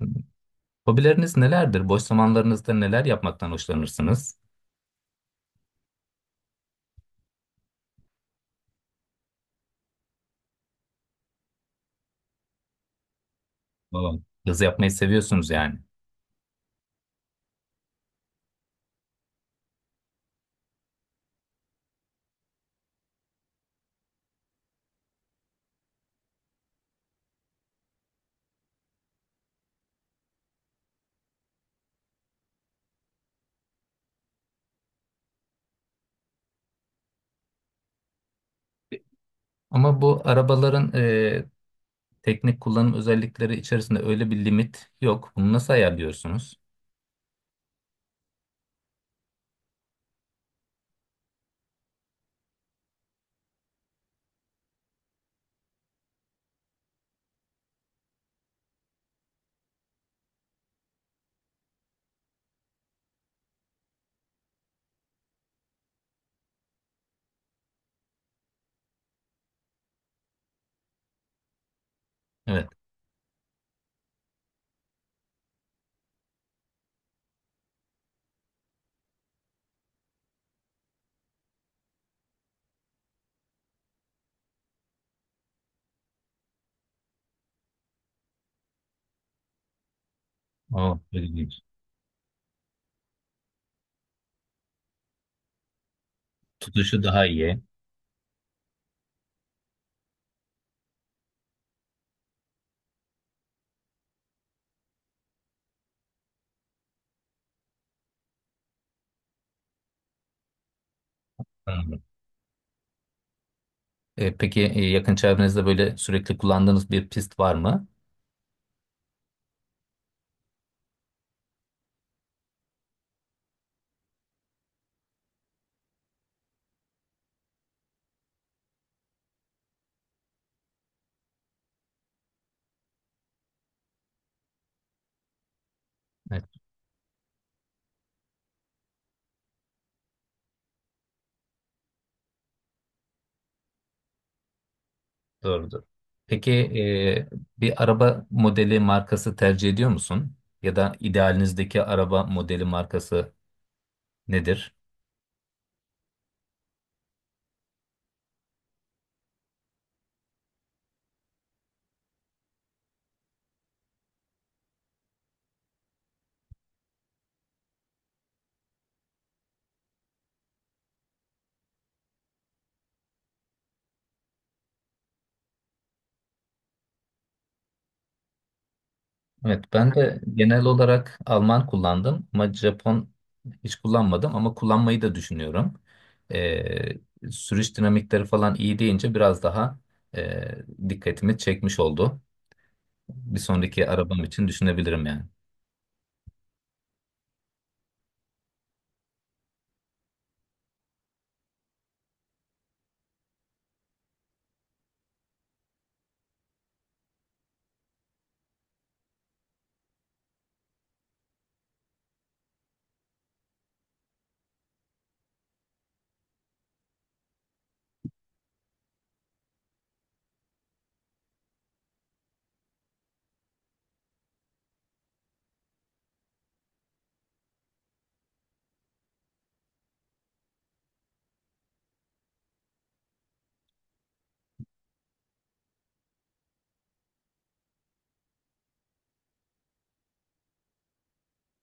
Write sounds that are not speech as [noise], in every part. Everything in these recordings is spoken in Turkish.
Hmm. Hobileriniz nelerdir? Boş zamanlarınızda neler yapmaktan hoşlanırsınız? Valla. Yazı yapmayı seviyorsunuz yani. Ama bu arabaların teknik kullanım özellikleri içerisinde öyle bir limit yok. Bunu nasıl ayarlıyorsunuz? Evet. Aa, ilginç. Tutuşu daha iyi. Anladım. Peki yakın çevrenizde böyle sürekli kullandığınız bir pist var mı? Evet, doğrudur. Peki bir araba modeli markası tercih ediyor musun? Ya da idealinizdeki araba modeli markası nedir? Evet, ben de genel olarak Alman kullandım ama Japon hiç kullanmadım ama kullanmayı da düşünüyorum. Sürüş dinamikleri falan iyi deyince biraz daha e, dikkatimi çekmiş oldu. Bir sonraki arabam için düşünebilirim yani.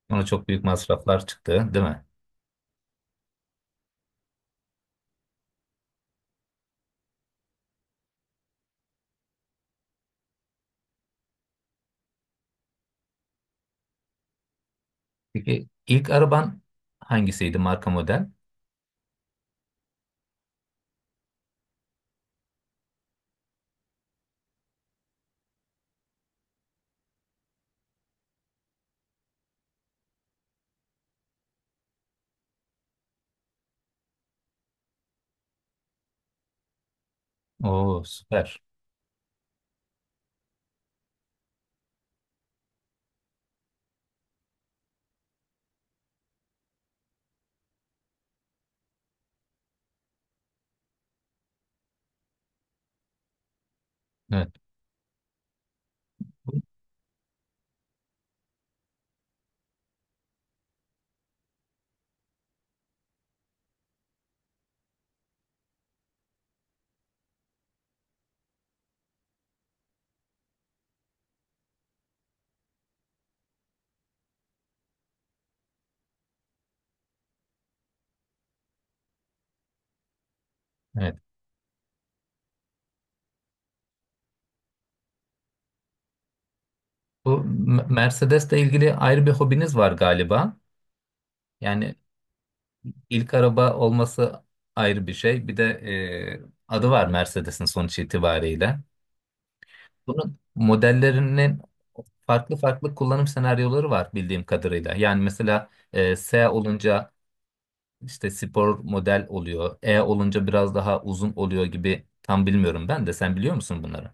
Ona çok büyük masraflar çıktı, değil mi? Peki ilk araban hangisiydi marka model? Oo süper. Evet. Evet. Bu Mercedes'le ilgili ayrı bir hobiniz var galiba. Yani İlk araba olması ayrı bir şey. Bir de adı var Mercedes'in sonuç itibariyle. Bunun modellerinin farklı farklı kullanım senaryoları var bildiğim kadarıyla. Yani mesela S olunca işte spor model oluyor. E olunca biraz daha uzun oluyor gibi tam bilmiyorum ben de. Sen biliyor musun bunları?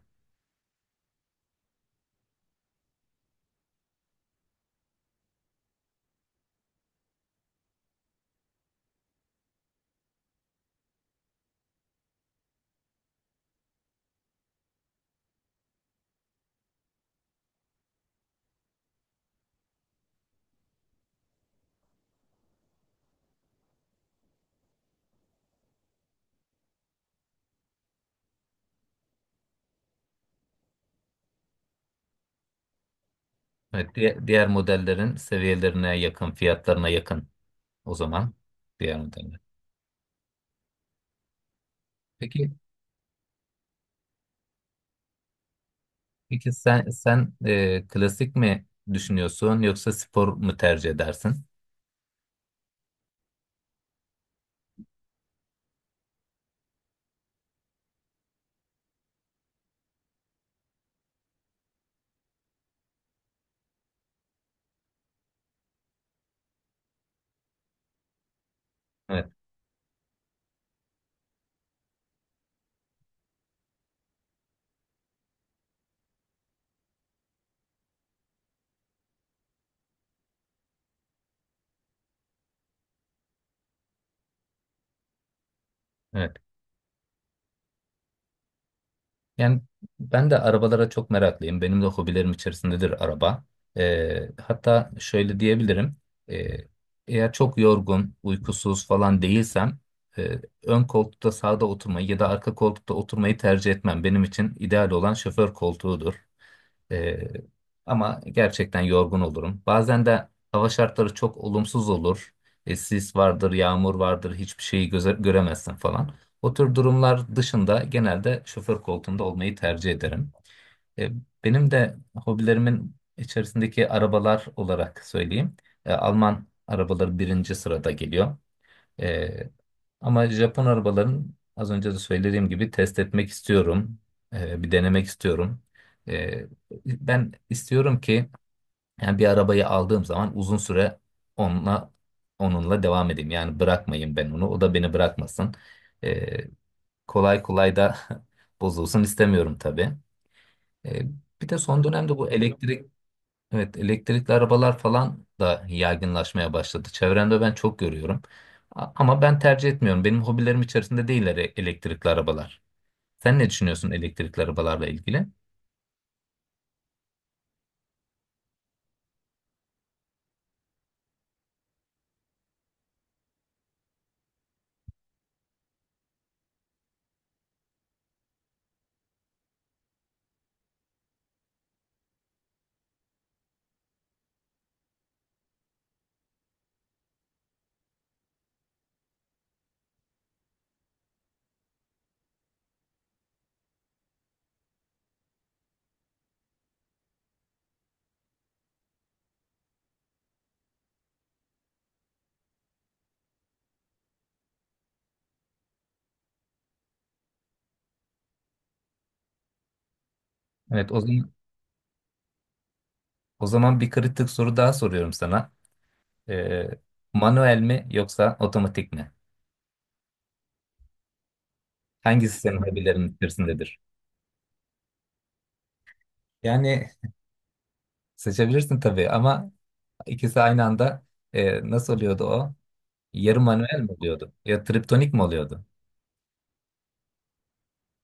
Evet, diğer, diğer modellerin seviyelerine yakın, fiyatlarına yakın o zaman diğer modeller. Peki peki sen klasik mi düşünüyorsun yoksa spor mu tercih edersin? Evet, evet. Yani ben de arabalara çok meraklıyım. Benim de hobilerim içerisindedir araba. E, hatta şöyle diyebilirim. E, eğer çok yorgun, uykusuz falan değilsem e, ön koltukta sağda oturmayı ya da arka koltukta oturmayı tercih etmem. Benim için ideal olan şoför koltuğudur. Ee, ama gerçekten yorgun olurum. Bazen de hava şartları çok olumsuz olur. E, sis vardır, yağmur vardır, hiçbir şeyi göremezsin falan. O tür durumlar dışında genelde şoför koltuğunda olmayı tercih ederim. E, benim de hobilerimin içerisindeki arabalar olarak söyleyeyim. E, Alman arabaları birinci sırada geliyor. Ee, ama Japon arabaların az önce de söylediğim gibi test etmek istiyorum. Bir denemek istiyorum. Ee, ben istiyorum ki yani bir arabayı aldığım zaman uzun süre onunla onunla devam edeyim. Yani bırakmayayım ben onu. O da beni bırakmasın. Ee, kolay kolay da [laughs] bozulsun istemiyorum tabii. Ee, bir de son dönemde bu elektrikli Evet, elektrikli arabalar falan da yaygınlaşmaya başladı. Çevremde ben çok görüyorum. Ama ben tercih etmiyorum. Benim hobilerim içerisinde değiller elektrikli arabalar. Sen ne düşünüyorsun elektrikli arabalarla ilgili? Evet, o zaman, o zaman bir kritik soru daha soruyorum sana. Ee, manuel mi yoksa otomatik mi? Hangisi senin hobilerin içerisindedir? Yani seçebilirsin tabii ama ikisi aynı anda nasıl oluyordu o? Yarı manuel mi oluyordu? Ya triptonik mi oluyordu?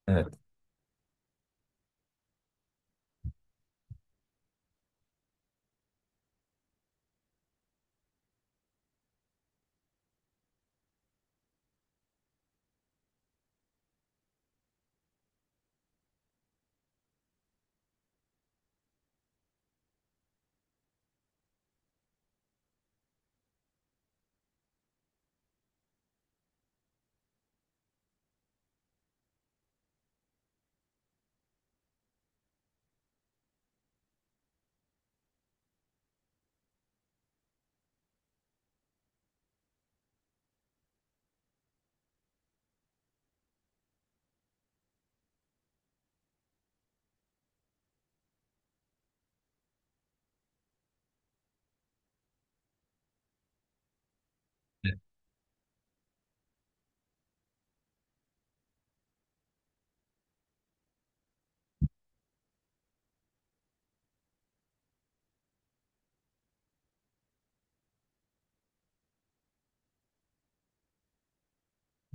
Evet.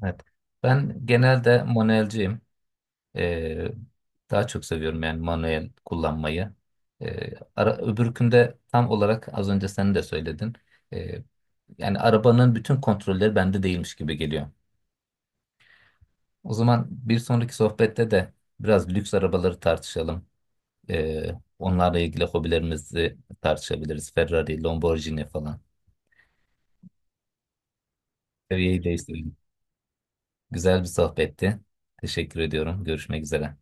Evet. Ben genelde manuelciyim. Ee, daha çok seviyorum yani manuel kullanmayı. Ara, öbürkünde tam olarak az önce sen de söyledin. Ee, yani arabanın bütün kontrolleri bende değilmiş gibi geliyor. O zaman bir sonraki sohbette de biraz lüks arabaları tartışalım. Ee, onlarla ilgili hobilerimizi tartışabiliriz. Ferrari, Lamborghini falan. Seviyeyi değiştirelim. Güzel bir sohbetti. Teşekkür ediyorum. Görüşmek üzere.